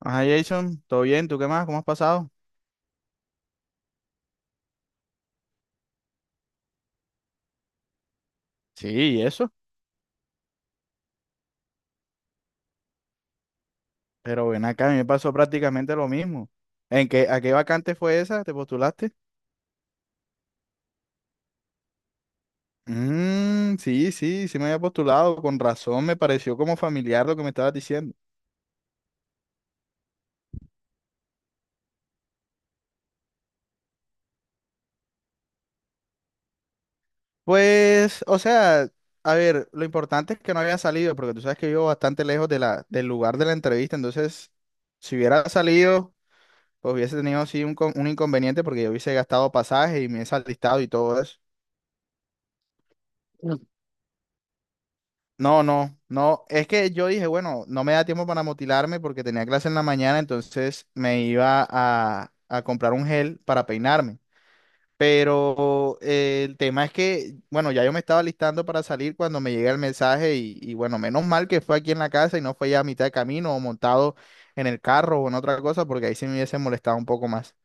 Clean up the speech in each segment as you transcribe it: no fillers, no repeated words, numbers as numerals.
Ajá, Jason, ¿todo bien? ¿Tú qué más? ¿Cómo has pasado? Sí, ¿y eso? Pero ven acá, a mí me pasó prácticamente lo mismo. ¿En qué, a qué vacante fue esa? ¿Te postulaste? Mm, sí, me había postulado. Con razón, me pareció como familiar lo que me estabas diciendo. Pues, o sea, a ver, lo importante es que no había salido, porque tú sabes que vivo bastante lejos de del lugar de la entrevista, entonces, si hubiera salido, pues hubiese tenido sí un, un inconveniente porque yo hubiese gastado pasaje y me he alistado y todo eso. No, no, no. Es que yo dije, bueno, no me da tiempo para motilarme porque tenía clase en la mañana, entonces me iba a comprar un gel para peinarme. Pero el tema es que, bueno, ya yo me estaba listando para salir cuando me llega el mensaje y bueno, menos mal que fue aquí en la casa y no fue ya a mitad de camino o montado en el carro o en otra cosa porque ahí sí me hubiese molestado un poco más.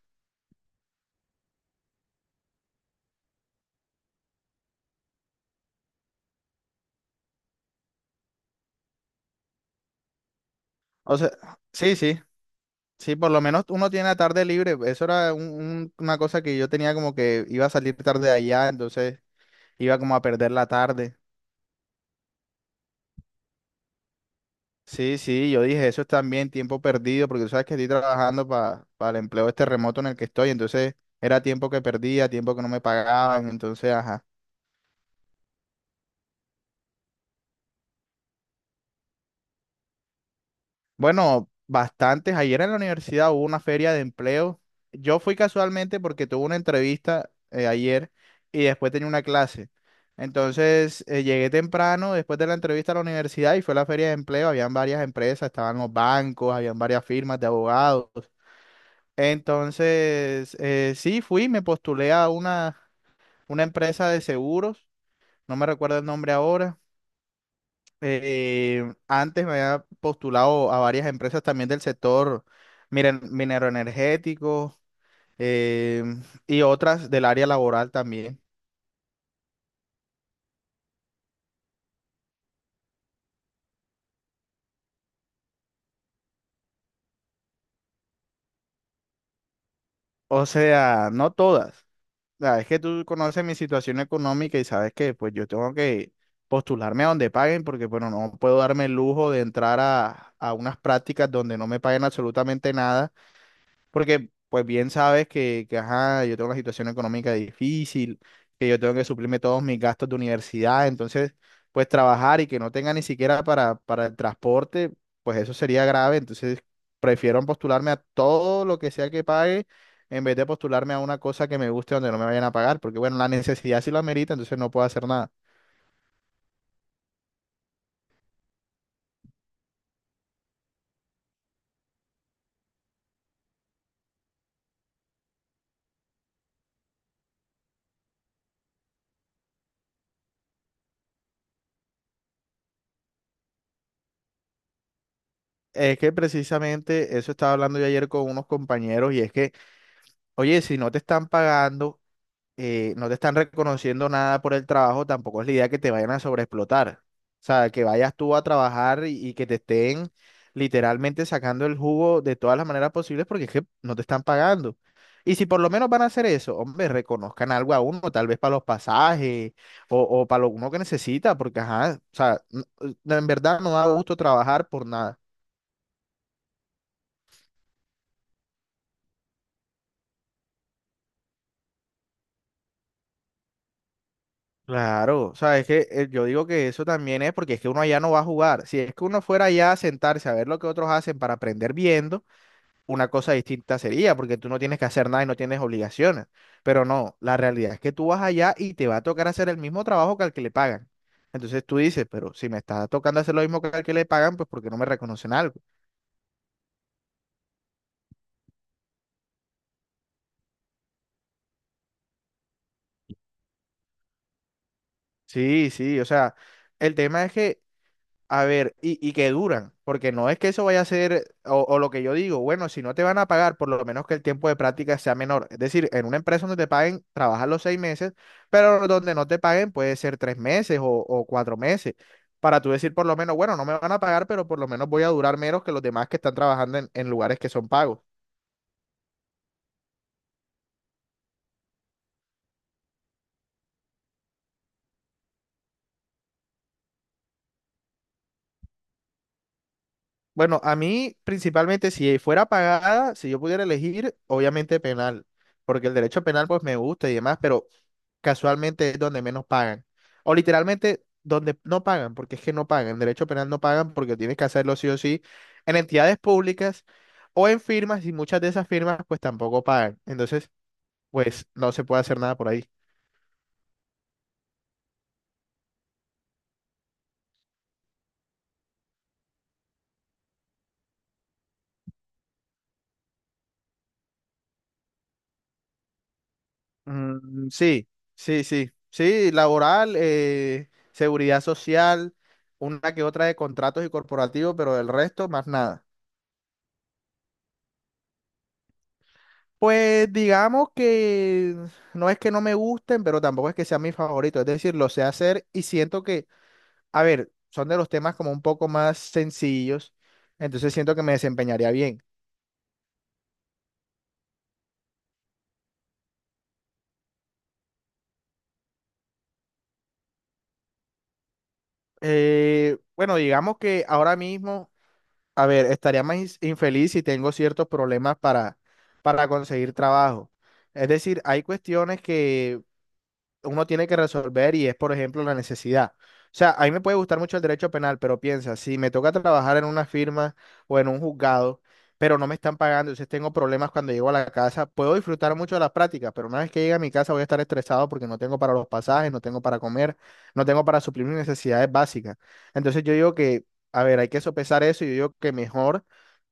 O sea, sí, sí. Sí, por lo menos uno tiene la tarde libre. Eso era una cosa que yo tenía como que iba a salir tarde de allá, entonces iba como a perder la tarde. Sí, sí, yo dije, eso es también tiempo perdido, porque tú sabes que estoy trabajando para el empleo este remoto en el que estoy, entonces era tiempo que perdía, tiempo que no me pagaban, entonces, ajá. Bueno, bastantes. Ayer en la universidad hubo una feria de empleo. Yo fui casualmente porque tuve una entrevista ayer y después tenía una clase. Entonces, llegué temprano después de la entrevista a la universidad y fue la feria de empleo. Habían varias empresas, estaban los bancos, habían varias firmas de abogados. Entonces, sí, fui, me postulé a una empresa de seguros, no me recuerdo el nombre ahora. Antes me había postulado a varias empresas también del sector mineroenergético eh, y otras del área laboral también. O sea, no todas. La verdad es que tú conoces mi situación económica y sabes que pues yo tengo que postularme a donde paguen porque bueno, no puedo darme el lujo de entrar a unas prácticas donde no me paguen absolutamente nada. Porque, pues bien sabes que, ajá, yo tengo una situación económica difícil, que yo tengo que suplirme todos mis gastos de universidad, entonces, pues trabajar y que no tenga ni siquiera para el transporte, pues eso sería grave, entonces prefiero postularme a todo lo que sea que pague en vez de postularme a una cosa que me guste donde no me vayan a pagar, porque bueno, la necesidad sí lo amerita, entonces no puedo hacer nada. Es que precisamente eso estaba hablando yo ayer con unos compañeros y es que, oye, si no te están pagando no te están reconociendo nada por el trabajo, tampoco es la idea que te vayan a sobreexplotar. O sea, que vayas tú a trabajar y que te estén literalmente sacando el jugo de todas las maneras posibles porque es que no te están pagando. Y si por lo menos van a hacer eso, hombre, reconozcan algo a uno, tal vez para los pasajes o para lo uno que necesita, porque ajá, o sea, en verdad no da gusto trabajar por nada. Claro, o sea, es que yo digo que eso también es porque es que uno allá no va a jugar. Si es que uno fuera allá a sentarse a ver lo que otros hacen para aprender viendo, una cosa distinta sería, porque tú no tienes que hacer nada y no tienes obligaciones. Pero no, la realidad es que tú vas allá y te va a tocar hacer el mismo trabajo que al que le pagan. Entonces tú dices, pero si me está tocando hacer lo mismo que al que le pagan, pues porque no me reconocen algo. Sí, sí, o sea, el tema es que, a ver, y que duran, porque no es que eso vaya a ser, o lo que yo digo, bueno, si no te van a pagar, por lo menos que el tiempo de práctica sea menor. Es decir, en una empresa donde te paguen, trabajas los 6 meses, pero donde no te paguen puede ser 3 meses o 4 meses, para tú decir por lo menos, bueno, no me van a pagar, pero por lo menos voy a durar menos que los demás que están trabajando en lugares que son pagos. Bueno, a mí principalmente si fuera pagada, si yo pudiera elegir, obviamente penal, porque el derecho penal pues me gusta y demás, pero casualmente es donde menos pagan. O literalmente donde no pagan, porque es que no pagan. En derecho penal no pagan porque tienes que hacerlo sí o sí en entidades públicas o en firmas y muchas de esas firmas pues tampoco pagan. Entonces, pues no se puede hacer nada por ahí. Mm, sí, laboral, seguridad social, una que otra de contratos y corporativos, pero del resto, más nada. Pues digamos que no es que no me gusten, pero tampoco es que sea mi favorito, es decir, lo sé hacer y siento que, a ver, son de los temas como un poco más sencillos, entonces siento que me desempeñaría bien. Bueno, digamos que ahora mismo... A ver, estaría más infeliz si tengo ciertos problemas para conseguir trabajo. Es decir, hay cuestiones que uno tiene que resolver y es, por ejemplo, la necesidad. O sea, a mí me puede gustar mucho el derecho penal, pero piensa, si me toca trabajar en una firma o en un juzgado, pero no me están pagando, entonces tengo problemas cuando llego a la casa, puedo disfrutar mucho de las prácticas, pero una vez que llegue a mi casa voy a estar estresado porque no tengo para los pasajes, no tengo para comer, no tengo para suplir mis necesidades básicas. Entonces yo digo que, a ver, hay que sopesar eso y yo digo que mejor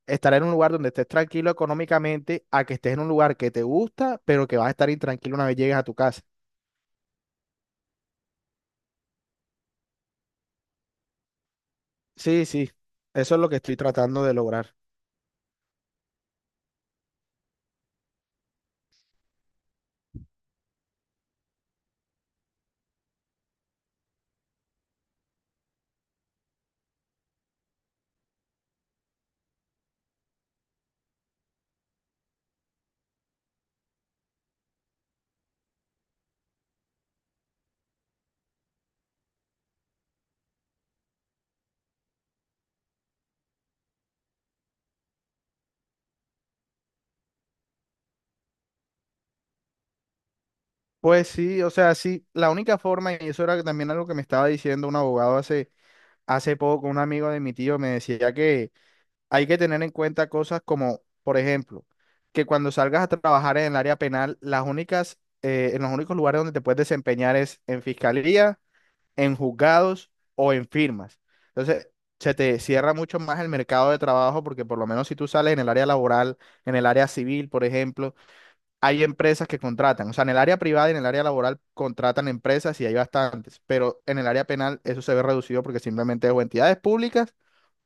estar en un lugar donde estés tranquilo económicamente a que estés en un lugar que te gusta, pero que vas a estar intranquilo una vez llegues a tu casa. Sí, sí, eso es lo que estoy tratando de lograr. Pues sí, o sea, sí, la única forma, y eso era también algo que me estaba diciendo un abogado hace poco, un amigo de mi tío me decía que hay que tener en cuenta cosas como, por ejemplo, que cuando salgas a trabajar en el área penal, las únicas, en los únicos lugares donde te puedes desempeñar es en fiscalía, en juzgados o en firmas. Entonces, se te cierra mucho más el mercado de trabajo porque por lo menos si tú sales en el área laboral, en el área civil, por ejemplo, hay empresas que contratan. O sea, en el área privada y en el área laboral contratan empresas y hay bastantes, pero en el área penal eso se ve reducido porque simplemente es o entidades públicas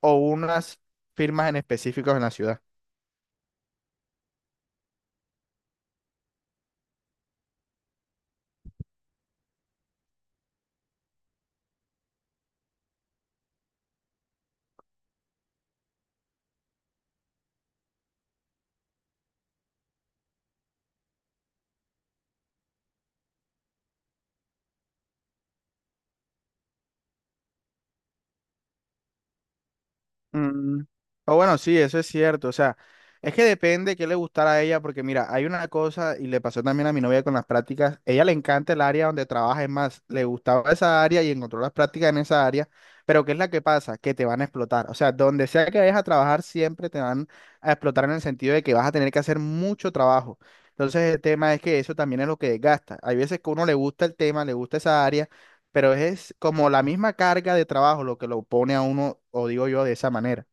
o unas firmas en específicos en la ciudad. Mm, o bueno, sí, eso es cierto. O sea, es que depende qué le gustará a ella, porque mira, hay una cosa, y le pasó también a mi novia con las prácticas, ella le encanta el área donde trabaja, es más, le gustaba esa área y encontró las prácticas en esa área, pero ¿qué es la que pasa? Que te van a explotar. O sea, donde sea que vayas a trabajar, siempre te van a explotar en el sentido de que vas a tener que hacer mucho trabajo. Entonces, el tema es que eso también es lo que desgasta. Hay veces que a uno le gusta el tema, le gusta esa área, pero es como la misma carga de trabajo lo que lo pone a uno, o digo yo, de esa manera.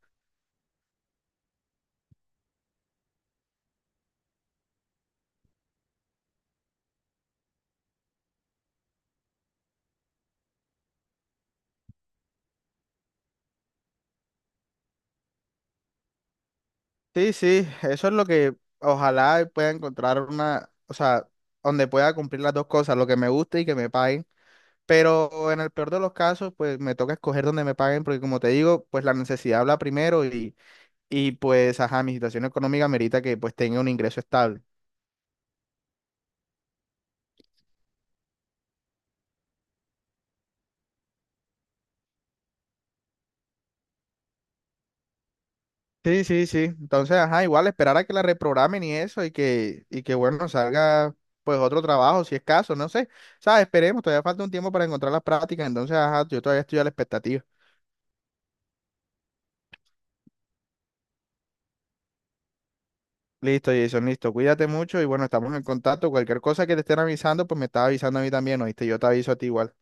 Sí, sí, eso es lo que ojalá pueda encontrar una, o sea, donde pueda cumplir las dos cosas, lo que me guste y que me paguen. Pero en el peor de los casos, pues me toca escoger donde me paguen, porque como te digo, pues la necesidad habla primero y pues, ajá, mi situación económica merita que pues tenga un ingreso estable. Sí, sí, sí. Entonces, ajá, igual esperar a que la reprogramen y eso y que bueno, salga pues otro trabajo, si es caso, no sé. O sea, esperemos, todavía falta un tiempo para encontrar las prácticas, entonces, ajá, yo todavía estoy a la expectativa. Listo, Jason, listo. Cuídate mucho y bueno, estamos en contacto. Cualquier cosa que te estén avisando, pues me estás avisando a mí también, ¿oíste? Yo te aviso a ti igual.